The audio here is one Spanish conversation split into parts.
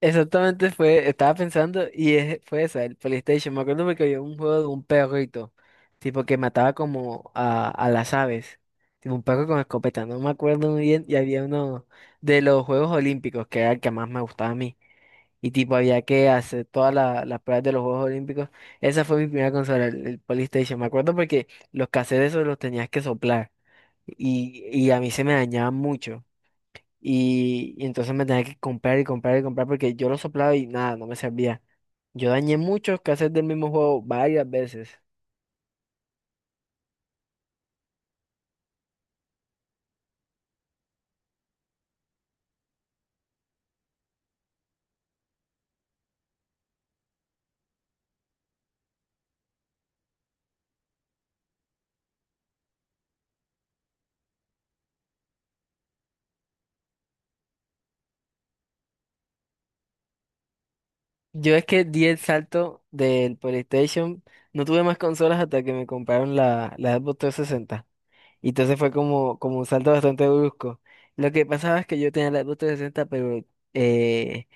Exactamente fue, estaba pensando y fue esa, el PlayStation. Me acuerdo porque había un juego de un perrito, tipo que mataba como a las aves, tipo un perro con escopeta, no me acuerdo muy bien. Y había uno de los Juegos Olímpicos, que era el que más me gustaba a mí. Y tipo había que hacer todas las pruebas de los Juegos Olímpicos. Esa fue mi primera consola, el PlayStation. Me acuerdo porque los cassettes esos los tenías que soplar y a mí se me dañaban mucho. Y entonces me tenía que comprar y comprar y comprar porque yo lo soplaba y nada, no me servía. Yo dañé muchos cassettes del mismo juego varias veces. Yo es que di el salto del PlayStation, no tuve más consolas hasta que me compraron la Xbox 360. Y entonces fue como, como un salto bastante brusco. Lo que pasaba es que yo tenía la Xbox 360, pero eh,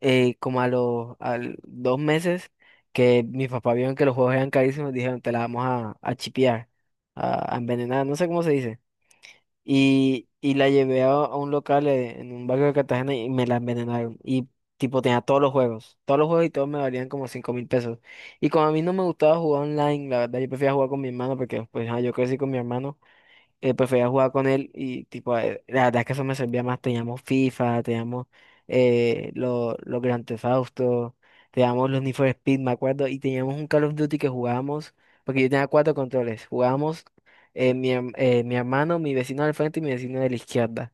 como a los al 2 meses que mis papás vieron que los juegos eran carísimos, dijeron, te la vamos a chipear, a envenenar, no sé cómo se dice. Y la llevé a un local en un barrio de Cartagena y me la envenenaron. Y tipo tenía todos los juegos y todos me valían como 5.000 pesos. Y como a mí no me gustaba jugar online, la verdad yo prefería jugar con mi hermano porque pues ah, yo crecí con mi hermano, prefería jugar con él y tipo, la verdad es que eso me servía más. Teníamos FIFA, teníamos los Grand Theft Auto, teníamos los Need for Speed, me acuerdo, y teníamos un Call of Duty que jugábamos, porque yo tenía cuatro controles. Jugábamos mi hermano, mi vecino del frente y mi vecino de la izquierda.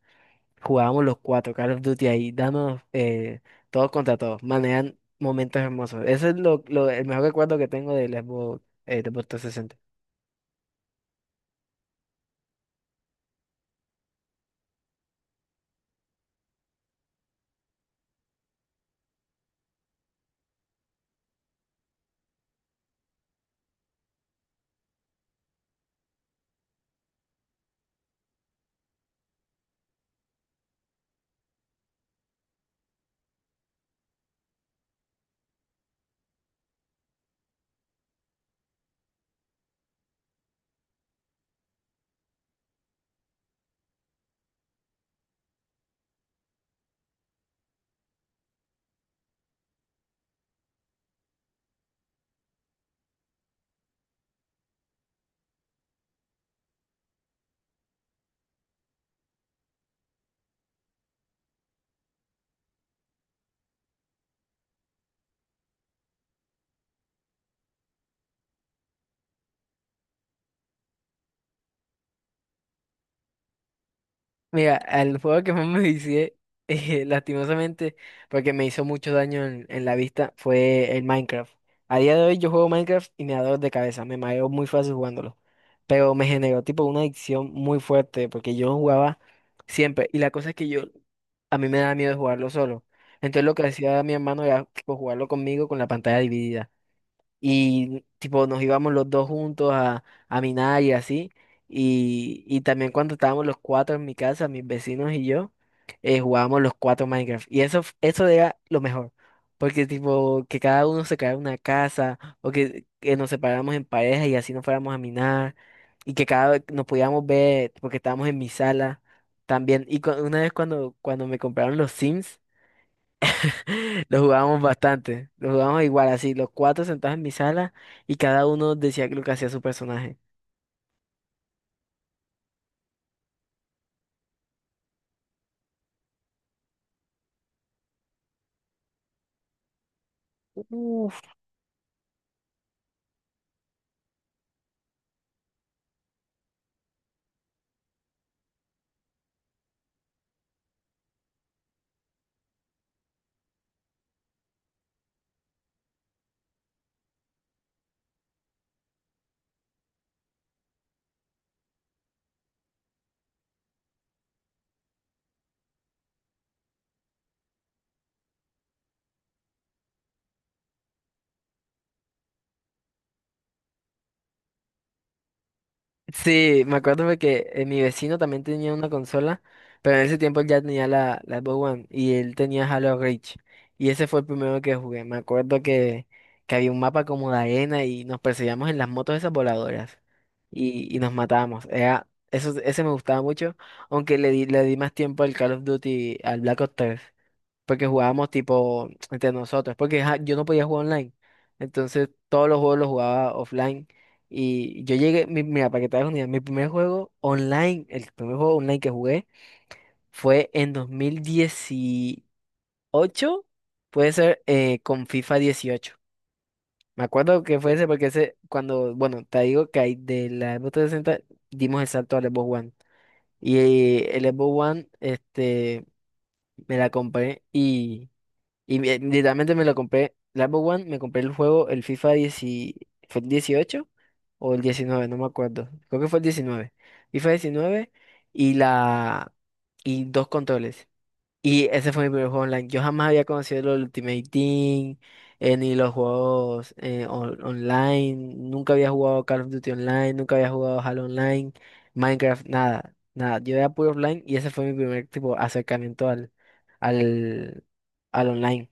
Jugábamos los cuatro Call of Duty ahí, dándonos todos contra todos, manejan momentos hermosos. Ese es el mejor recuerdo que tengo del Xbox, del Xbox 360. Mira, al juego que más me hice, lastimosamente, porque me hizo mucho daño en la vista, fue el Minecraft. A día de hoy yo juego Minecraft y me da dolor de cabeza, me mareo muy fácil jugándolo. Pero me generó tipo una adicción muy fuerte, porque yo lo jugaba siempre. Y la cosa es que yo, a mí me daba miedo jugarlo solo. Entonces lo que hacía mi hermano era tipo jugarlo conmigo con la pantalla dividida, y tipo nos íbamos los dos juntos a minar y así. Y también cuando estábamos los cuatro en mi casa, mis vecinos y yo, jugábamos los cuatro Minecraft. Y eso, eso era lo mejor, porque tipo que cada uno se creara una casa o que nos separáramos en pareja y así nos fuéramos a minar, y que cada vez nos podíamos ver porque estábamos en mi sala también. Y una vez cuando, cuando me compraron los Sims. Lo jugábamos bastante. Lo jugábamos igual, así, los cuatro sentados en mi sala y cada uno decía lo que hacía su personaje. Uf. Sí, me acuerdo porque mi vecino también tenía una consola, pero en ese tiempo él ya tenía la Xbox One y él tenía Halo Reach. Y ese fue el primero que jugué. Me acuerdo que había un mapa como de arena y nos perseguíamos en las motos esas voladoras y nos matábamos. Era, eso, ese me gustaba mucho, aunque le di más tiempo al Call of Duty, al Black Ops 3, porque jugábamos tipo entre nosotros, porque ajá, yo no podía jugar online. Entonces todos los juegos los jugaba offline. Y yo llegué, mira, para que te hagas una idea, mi primer juego online, el primer juego online que jugué fue en 2018, puede ser, con FIFA 18. Me acuerdo que fue ese porque ese, cuando, bueno, te digo que ahí de la Xbox 360 dimos el salto al Xbox One. Y el Xbox One, este, me la compré y... Y literalmente me lo compré, la Xbox One. Me compré el juego, el FIFA 10, ¿fue el 18 o el 19? No me acuerdo. Creo que fue el 19, FIFA 19, y la y dos controles. Y ese fue mi primer juego online. Yo jamás había conocido los Ultimate Team, ni los juegos online. Nunca había jugado Call of Duty Online, nunca había jugado Halo Online, Minecraft, nada, nada. Yo era puro offline y ese fue mi primer tipo acercamiento al, al online.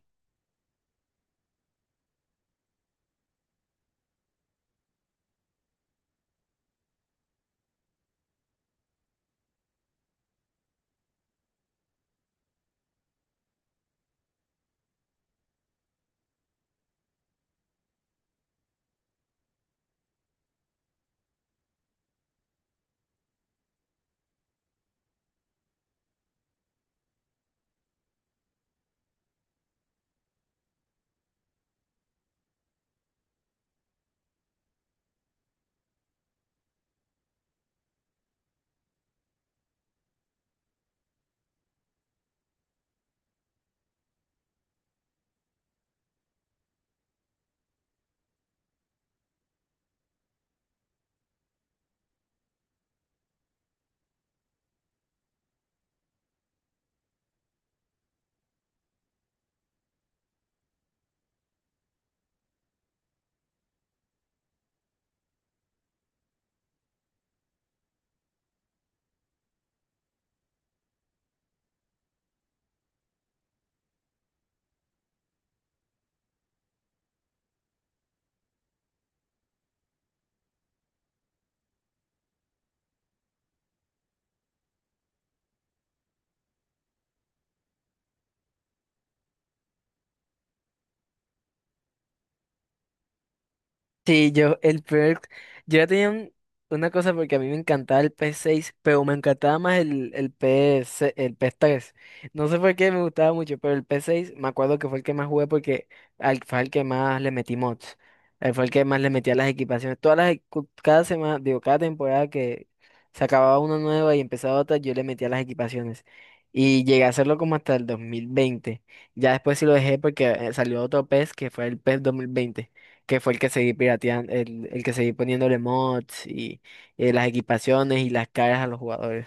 Sí, yo, el peor, yo ya tenía una cosa porque a mí me encantaba el ps seis, pero me encantaba más el PS3. No sé por qué me gustaba mucho, pero el ps seis me acuerdo que fue el que más jugué porque fue el que más le metí mods. Fue el que más le metía las equipaciones. Todas las, e- cu- Cada semana, digo, cada temporada que se acababa una nueva y empezaba otra, yo le metía las equipaciones. Y llegué a hacerlo como hasta el 2020. Ya después sí lo dejé porque salió otro P PES, que fue el PES 2020, que fue el que seguí pirateando, el que seguí poniéndole mods y las equipaciones y las caras a los jugadores.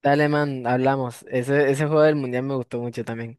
Dale, man, hablamos. Ese juego del mundial me gustó mucho también.